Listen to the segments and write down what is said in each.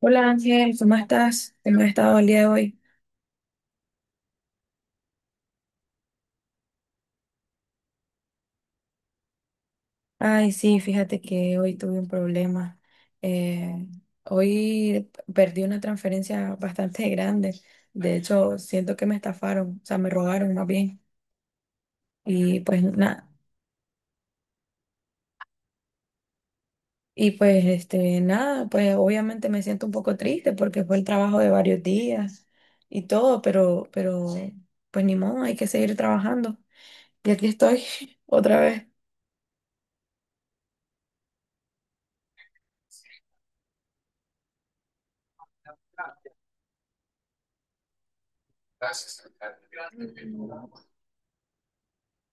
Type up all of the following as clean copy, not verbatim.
Hola Ángel, ¿cómo estás? ¿Cómo has estado el día de hoy? Ay, sí, fíjate que hoy tuve un problema. Eh, hoy perdí una transferencia bastante grande. De hecho, siento que me estafaron, o sea, me robaron más bien. Y pues nada, y nada, pues obviamente me siento un poco triste porque fue el trabajo de varios días y todo, pero pues ni modo, hay que seguir trabajando. Y aquí estoy otra vez.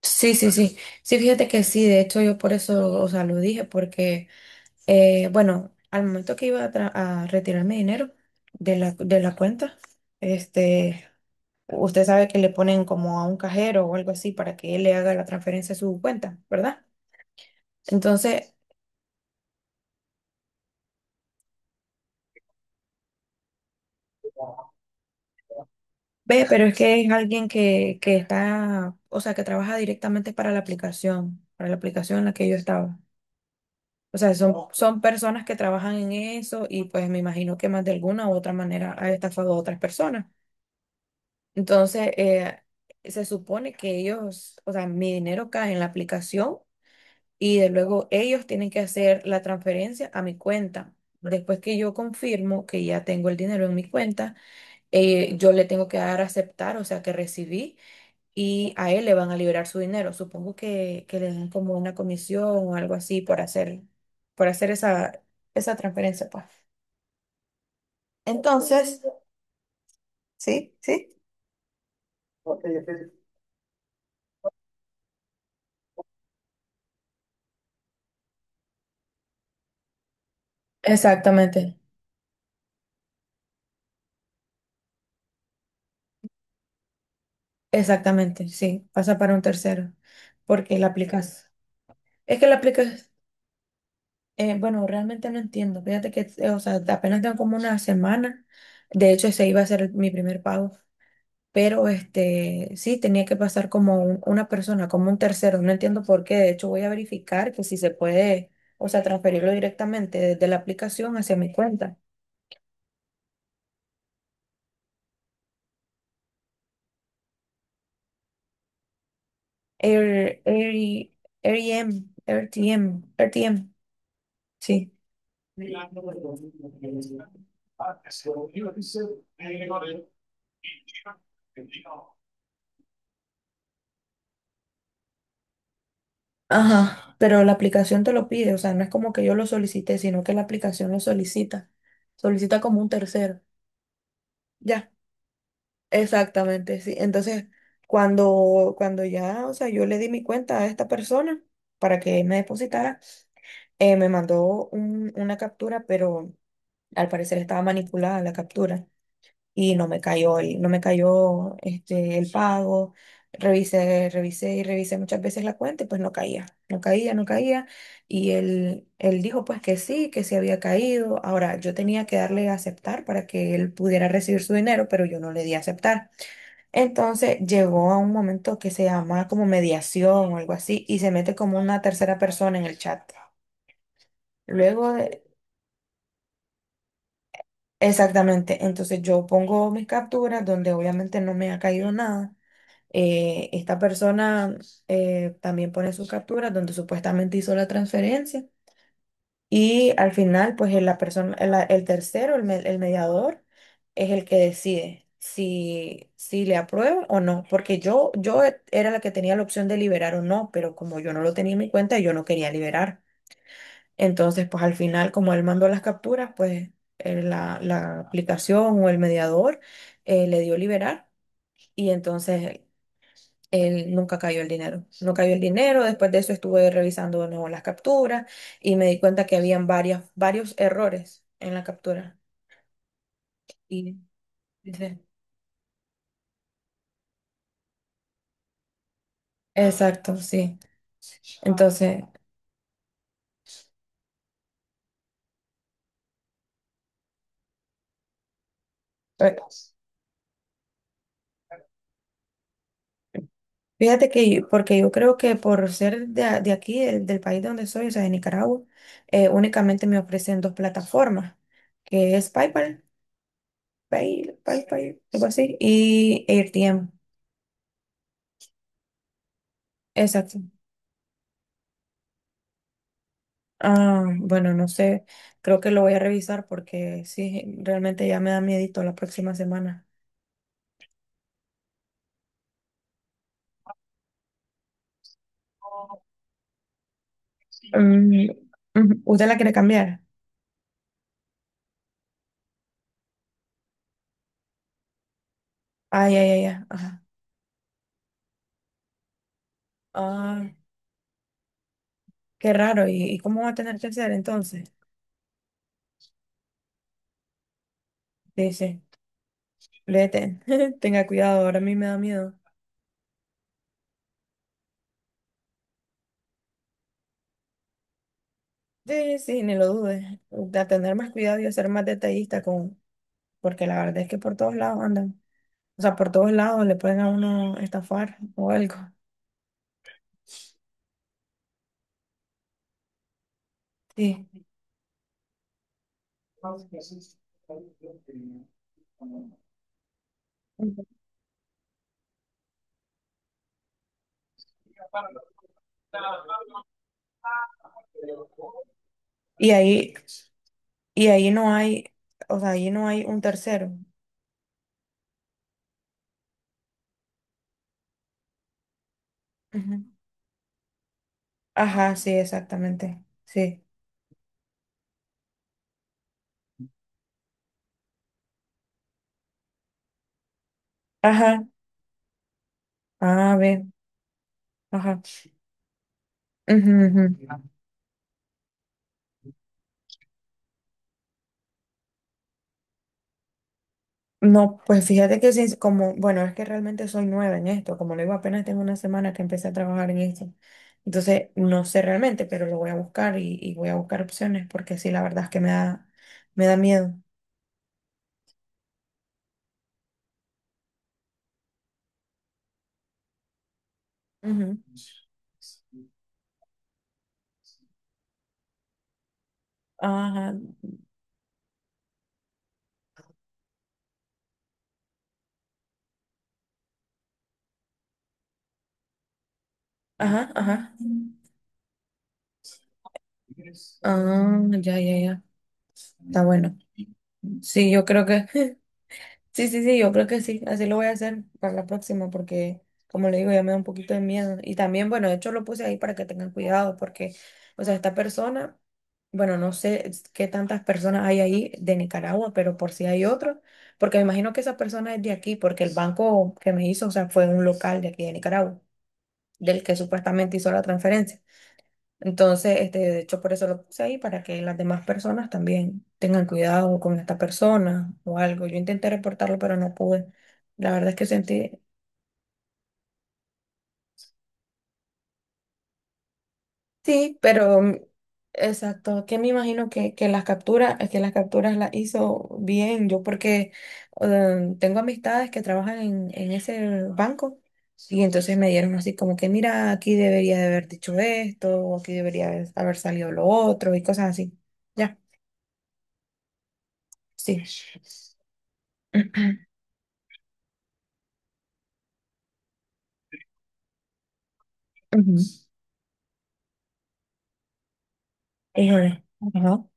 Sí, sí, sí. Sí, fíjate que sí, de hecho yo por eso, o sea, lo dije, porque, bueno, al momento que iba a retirar mi dinero de la cuenta, este, usted sabe que le ponen como a un cajero o algo así para que él le haga la transferencia a su cuenta, ¿verdad? Entonces, ve, pero es que es alguien que está, o sea, que trabaja directamente para la aplicación en la que yo estaba. O sea, son personas que trabajan en eso y pues me imagino que más de alguna u otra manera ha estafado a otras personas. Entonces, se supone que ellos, o sea, mi dinero cae en la aplicación y de luego ellos tienen que hacer la transferencia a mi cuenta. Después que yo confirmo que ya tengo el dinero en mi cuenta, yo le tengo que dar a aceptar, o sea, que recibí y a él le van a liberar su dinero. Supongo que le dan como una comisión o algo así por hacer esa transferencia, pues. Entonces, exactamente, exactamente, sí, pasa para un tercero, porque la aplicas. Es que la aplicas, bueno, realmente no entiendo. Fíjate que, o sea, apenas tengo como una semana. De hecho, ese iba a ser mi primer pago. Pero este, sí, tenía que pasar como un- una persona, como un tercero. No entiendo por qué. De hecho, voy a verificar que si se puede, o sea, transferirlo directamente desde la aplicación hacia mi cuenta. Air, Air- AirTM, RTM, RTM, sí. Ajá, pero la aplicación te lo pide, o sea, no es como que yo lo solicité, sino que la aplicación lo solicita. Solicita como un tercero. Ya. Exactamente, sí. Entonces, cuando ya, o sea, yo le di mi cuenta a esta persona para que me depositara, me mandó un- una captura, pero al parecer estaba manipulada la captura y no me cayó no me cayó este, el pago. Revisé, revisé y revisé muchas veces la cuenta y pues no caía, no caía, no caía. Y él dijo pues que sí había caído. Ahora, yo tenía que darle a aceptar para que él pudiera recibir su dinero, pero yo no le di a aceptar. Entonces llegó a un momento que se llama como mediación o algo así y se mete como una tercera persona en el chat. Luego de... Exactamente, entonces yo pongo mis capturas donde obviamente no me ha caído nada. Esta persona también pone sus capturas donde supuestamente hizo la transferencia. Y al final, pues el- la persona, el tercero, el, me- el mediador, es el que decide si, si le aprueba o no. Porque yo e- era la que tenía la opción de liberar o no, pero como yo no lo tenía en mi cuenta, yo no quería liberar. Entonces, pues al final, como él mandó las capturas, pues la aplicación o el mediador le dio liberar. Y entonces él nunca cayó el dinero. No cayó el dinero, después de eso estuve revisando de nuevo las capturas y me di cuenta que habían varias, varios errores en la captura. Y dice, exacto, sí. Entonces, eh, fíjate que yo- porque yo creo que por ser de, a- de aquí, del país donde soy, o sea, de Nicaragua, únicamente me ofrecen dos plataformas, que es PayPal, PayPal, algo así, y AirTM. Exacto. Ah, bueno, no sé, creo que lo voy a revisar porque sí, realmente ya me da miedito la próxima semana. Mm, ujú, ¿usted la quiere cambiar? Ay, ay, ay, ay, ajá. Ah, qué raro, y cómo va a tener que hacer entonces? Sí, sí, vete, tenga cuidado, ahora a mí me da miedo. Sí, sí, ni lo dudes, de tener más cuidado y de ser más detallista con, porque la verdad es que por todos lados andan, o sea, por todos lados le pueden a uno estafar o algo, sí. Y ahí... Y ahí no hay, o sea, ahí no hay un tercero. Ujú. Ajá, sí, exactamente. Sí. Ajá. A ver. Ajá. Ujú, ujú. No, pues fíjate que sí, como, bueno, es que realmente soy nueva en esto, como le digo, apenas tengo una semana que empecé a trabajar en esto. Entonces, no sé realmente, pero lo voy a buscar y voy a buscar opciones porque sí, la verdad es que me da miedo. Ujú. Ajá, ajá, ajá. Ah, ya, ya, ya. Está bueno. Sí, yo creo que sí, sí, sí, yo creo que sí, así lo voy a hacer para la próxima porque, como le digo, ya me da un poquito de miedo. Y también, bueno, de hecho lo puse ahí para que tengan cuidado porque, o sea, esta persona, bueno, no sé es- qué tantas personas hay ahí de Nicaragua, pero por si hay otro, porque me imagino que esa persona es de aquí, porque el banco que me hizo, o sea, fue un local de aquí de Nicaragua, del que supuestamente hizo la transferencia. Entonces, este, de hecho, por eso lo puse ahí, para que las demás personas también tengan cuidado con esta persona o algo. Yo intenté reportarlo, pero no pude. La verdad es que sentí, sí, pero mm, exacto, que me imagino que las capturas las hizo bien. Yo porque tengo amistades que trabajan en ese banco. Y entonces me dieron así como que, mira, aquí debería de haber dicho esto, o aquí debería haber salido lo otro, y cosas así. Ya, sí. Ujú. Híjole. Ajá.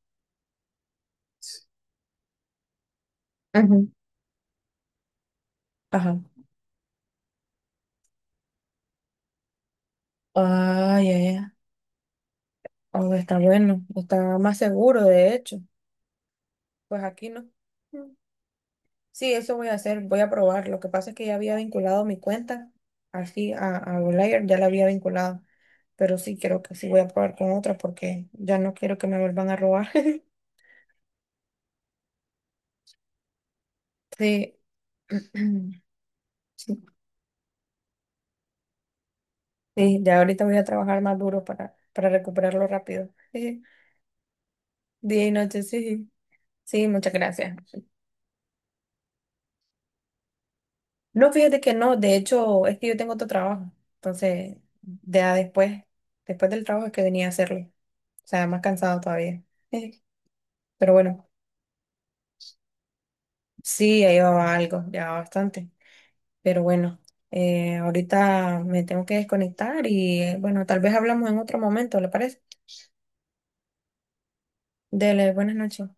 Ujú. Ajá. Ah, ya, ya. Oh, está bueno. Está más seguro, de hecho. Pues aquí no. Mm. Sí, eso voy a hacer. Voy a probar. Lo que pasa es que ya había vinculado mi cuenta. Así a Outlier ya la había vinculado. Pero sí, creo que sí voy a probar con otra porque ya no quiero que me vuelvan a robar. Sí. Sí, sí, ya ahorita voy a trabajar más duro para recuperarlo rápido. Día y noche, sí. Sí, muchas gracias. No, fíjate que no, de hecho, es que yo tengo otro trabajo, entonces ya después, después del trabajo es que venía a hacerlo, o sea, más cansado todavía. Pero bueno, sí, ya llevaba algo, ya bastante, pero bueno, ahorita me tengo que desconectar y bueno, tal vez hablamos en otro momento, ¿le parece? Dele, buenas noches.